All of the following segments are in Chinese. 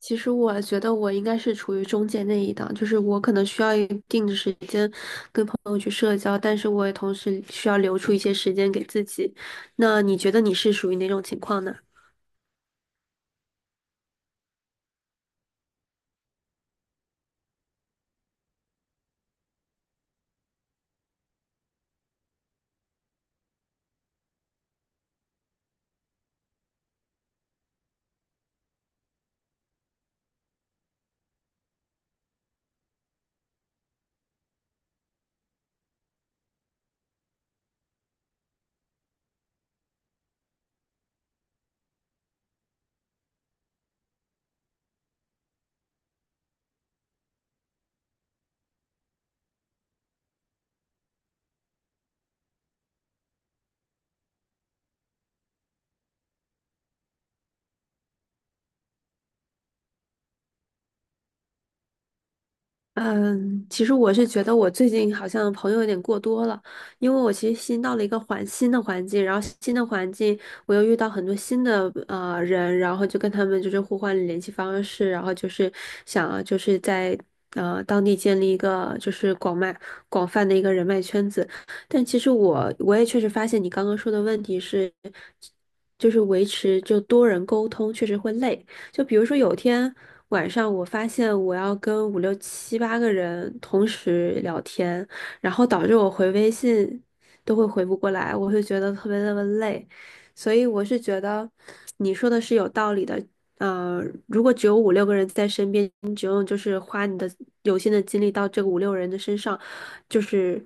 其实我觉得我应该是处于中间那一档，就是我可能需要一定的时间跟朋友去社交，但是我也同时需要留出一些时间给自己。那你觉得你是属于哪种情况呢？嗯，其实我是觉得我最近好像朋友有点过多了，因为我其实新到了一个新的环境，然后新的环境我又遇到很多新的人，然后就跟他们就是互换联系方式，然后就是想啊就是在当地建立一个就是广泛的一个人脉圈子，但其实我也确实发现你刚刚说的问题是，就是维持就多人沟通确实会累。就比如说有天，晚上我发现我要跟五六七八个人同时聊天，然后导致我回微信都会回不过来，我会觉得特别特别累，所以我是觉得你说的是有道理的。呃，如果只有五六个人在身边，你只用就是花你的有限的精力到这个五六人的身上，就是，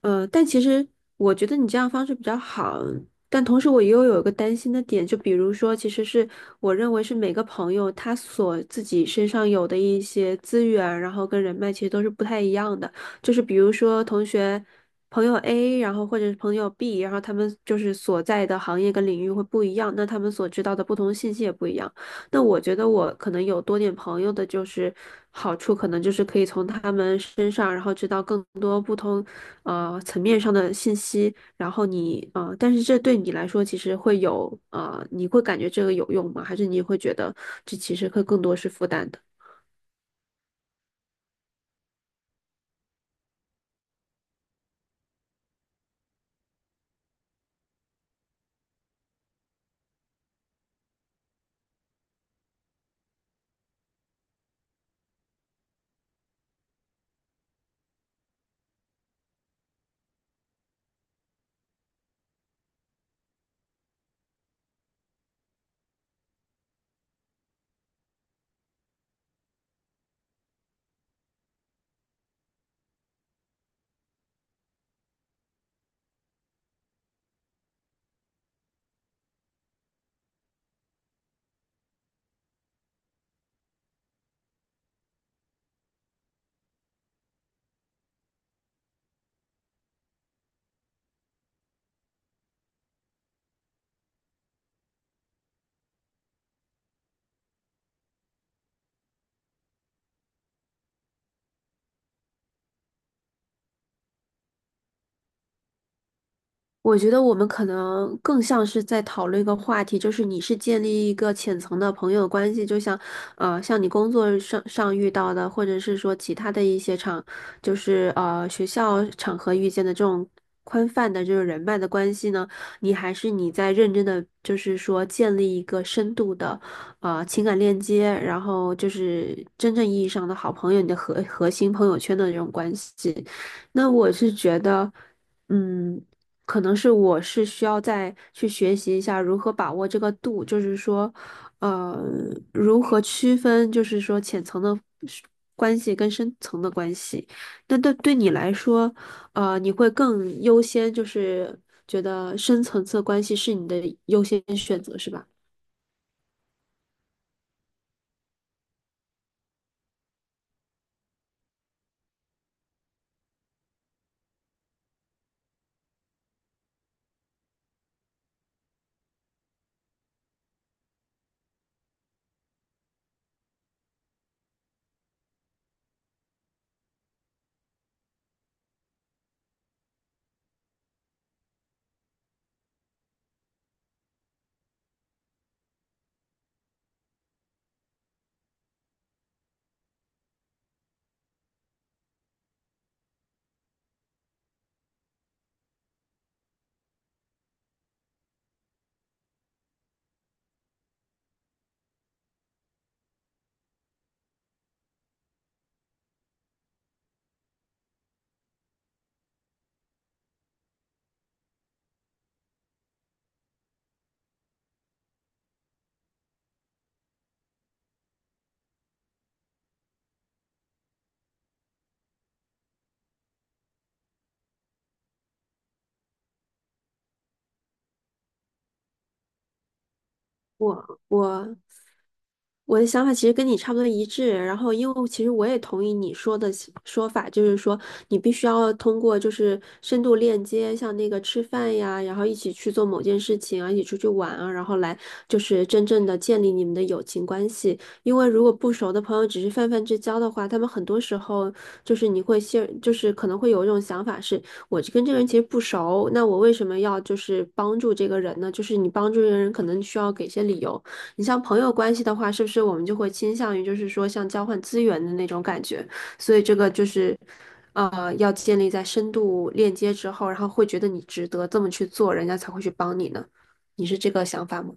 但其实我觉得你这样方式比较好，但同时，我又有一个担心的点，就比如说，其实是我认为是每个朋友他所自己身上有的一些资源，然后跟人脉其实都是不太一样的。就是比如说，同学、朋友 A，然后或者是朋友 B，然后他们就是所在的行业跟领域会不一样，那他们所知道的不同信息也不一样。那我觉得我可能有多点朋友的，就是好处可能就是可以从他们身上，然后知道更多不同层面上的信息。然后但是这对你来说其实会有你会感觉这个有用吗？还是你会觉得这其实会更多是负担的？我觉得我们可能更像是在讨论一个话题，就是你是建立一个浅层的朋友关系，就像，像你工作上遇到的，或者是说其他的一些，就是学校场合遇见的这种宽泛的这种人脉的关系呢，你还是你在认真的，就是说建立一个深度的，情感链接，然后就是真正意义上的好朋友，你的核心朋友圈的这种关系。那我是觉得，嗯。可能是我是需要再去学习一下如何把握这个度，就是说，呃，如何区分，就是说浅层的是关系跟深层的关系。那对你来说，你会更优先，就是觉得深层次关系是你的优先选择，是吧？我我我的想法其实跟你差不多一致，然后因为其实我也同意你说的说法，就是说你必须要通过就是深度链接，像那个吃饭呀，然后一起去做某件事情啊，一起出去玩啊，然后来就是真正的建立你们的友情关系。因为如果不熟的朋友只是泛泛之交的话，他们很多时候就是你会陷，就是可能会有一种想法是。我就跟这个人其实不熟，那我为什么要就是帮助这个人呢？就是你帮助这个人，可能需要给一些理由。你像朋友关系的话，是不是我们就会倾向于就是说像交换资源的那种感觉？所以这个就是，要建立在深度链接之后，然后会觉得你值得这么去做，人家才会去帮你呢。你是这个想法吗？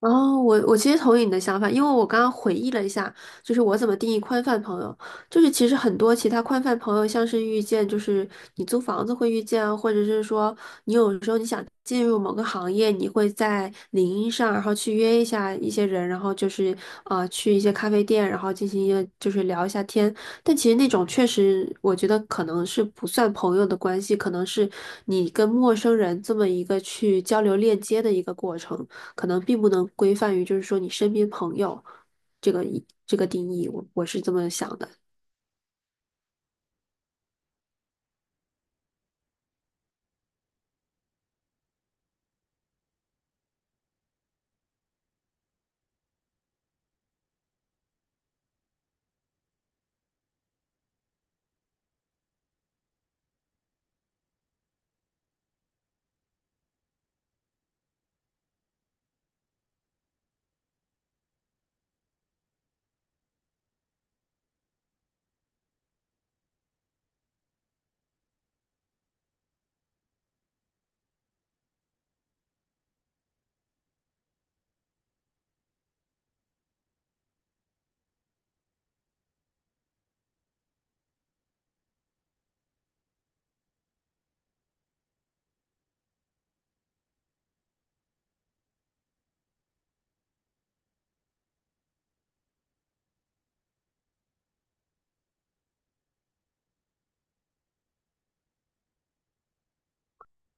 哦，我其实同意你的想法，因为我刚刚回忆了一下，就是我怎么定义宽泛朋友，就是其实很多其他宽泛朋友，像是遇见，就是你租房子会遇见啊，或者是说你有时候你想进入某个行业，你会在领英上，然后去约一下一些人，然后就是去一些咖啡店，然后进行一个就是聊一下天。但其实那种确实，我觉得可能是不算朋友的关系，可能是你跟陌生人这么一个去交流链接的一个过程。可能并不能规范于就是说你身边朋友这个这个定义，我是这么想的，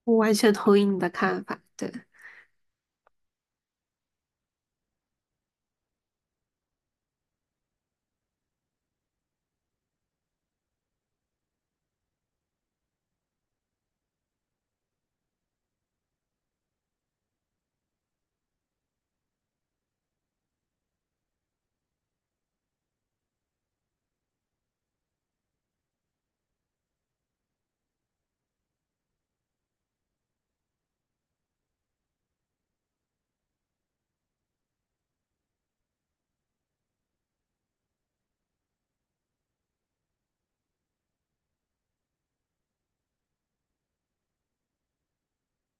我完全同意你的看法，对。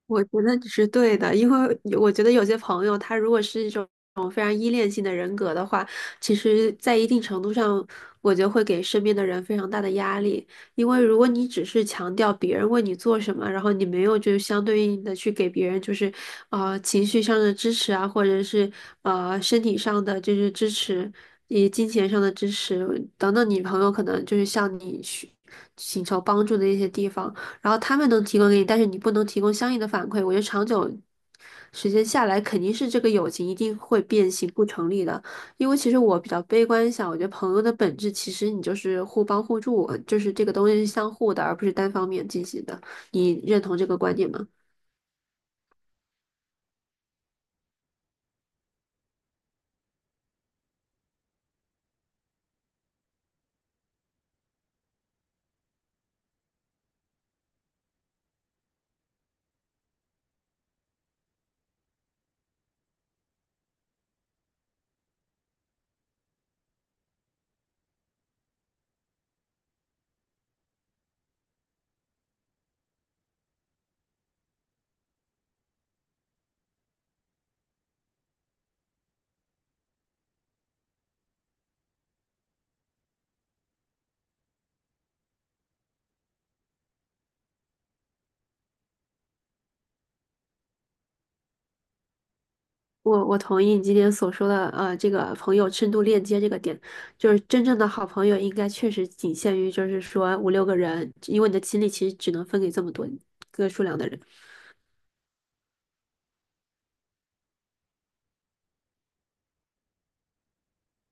我觉得你是对的，因为我觉得有些朋友他如果是一种非常依恋性的人格的话，其实，在一定程度上，我觉得会给身边的人非常大的压力。因为如果你只是强调别人为你做什么，然后你没有就相对应的去给别人就是情绪上的支持啊，或者是身体上的就是支持，以及金钱上的支持等等，你朋友可能就是向你去请求帮助的一些地方。然后他们能提供给你，但是你不能提供相应的反馈。我觉得长久时间下来，肯定是这个友情一定会变形不成立的。因为其实我比较悲观一下，我觉得朋友的本质其实你就是互帮互助，就是这个东西是相互的，而不是单方面进行的。你认同这个观点吗？我同意你今天所说的，这个朋友深度链接这个点，就是真正的好朋友应该确实仅限于就是说五六个人，因为你的精力其实只能分给这么多个数量的人。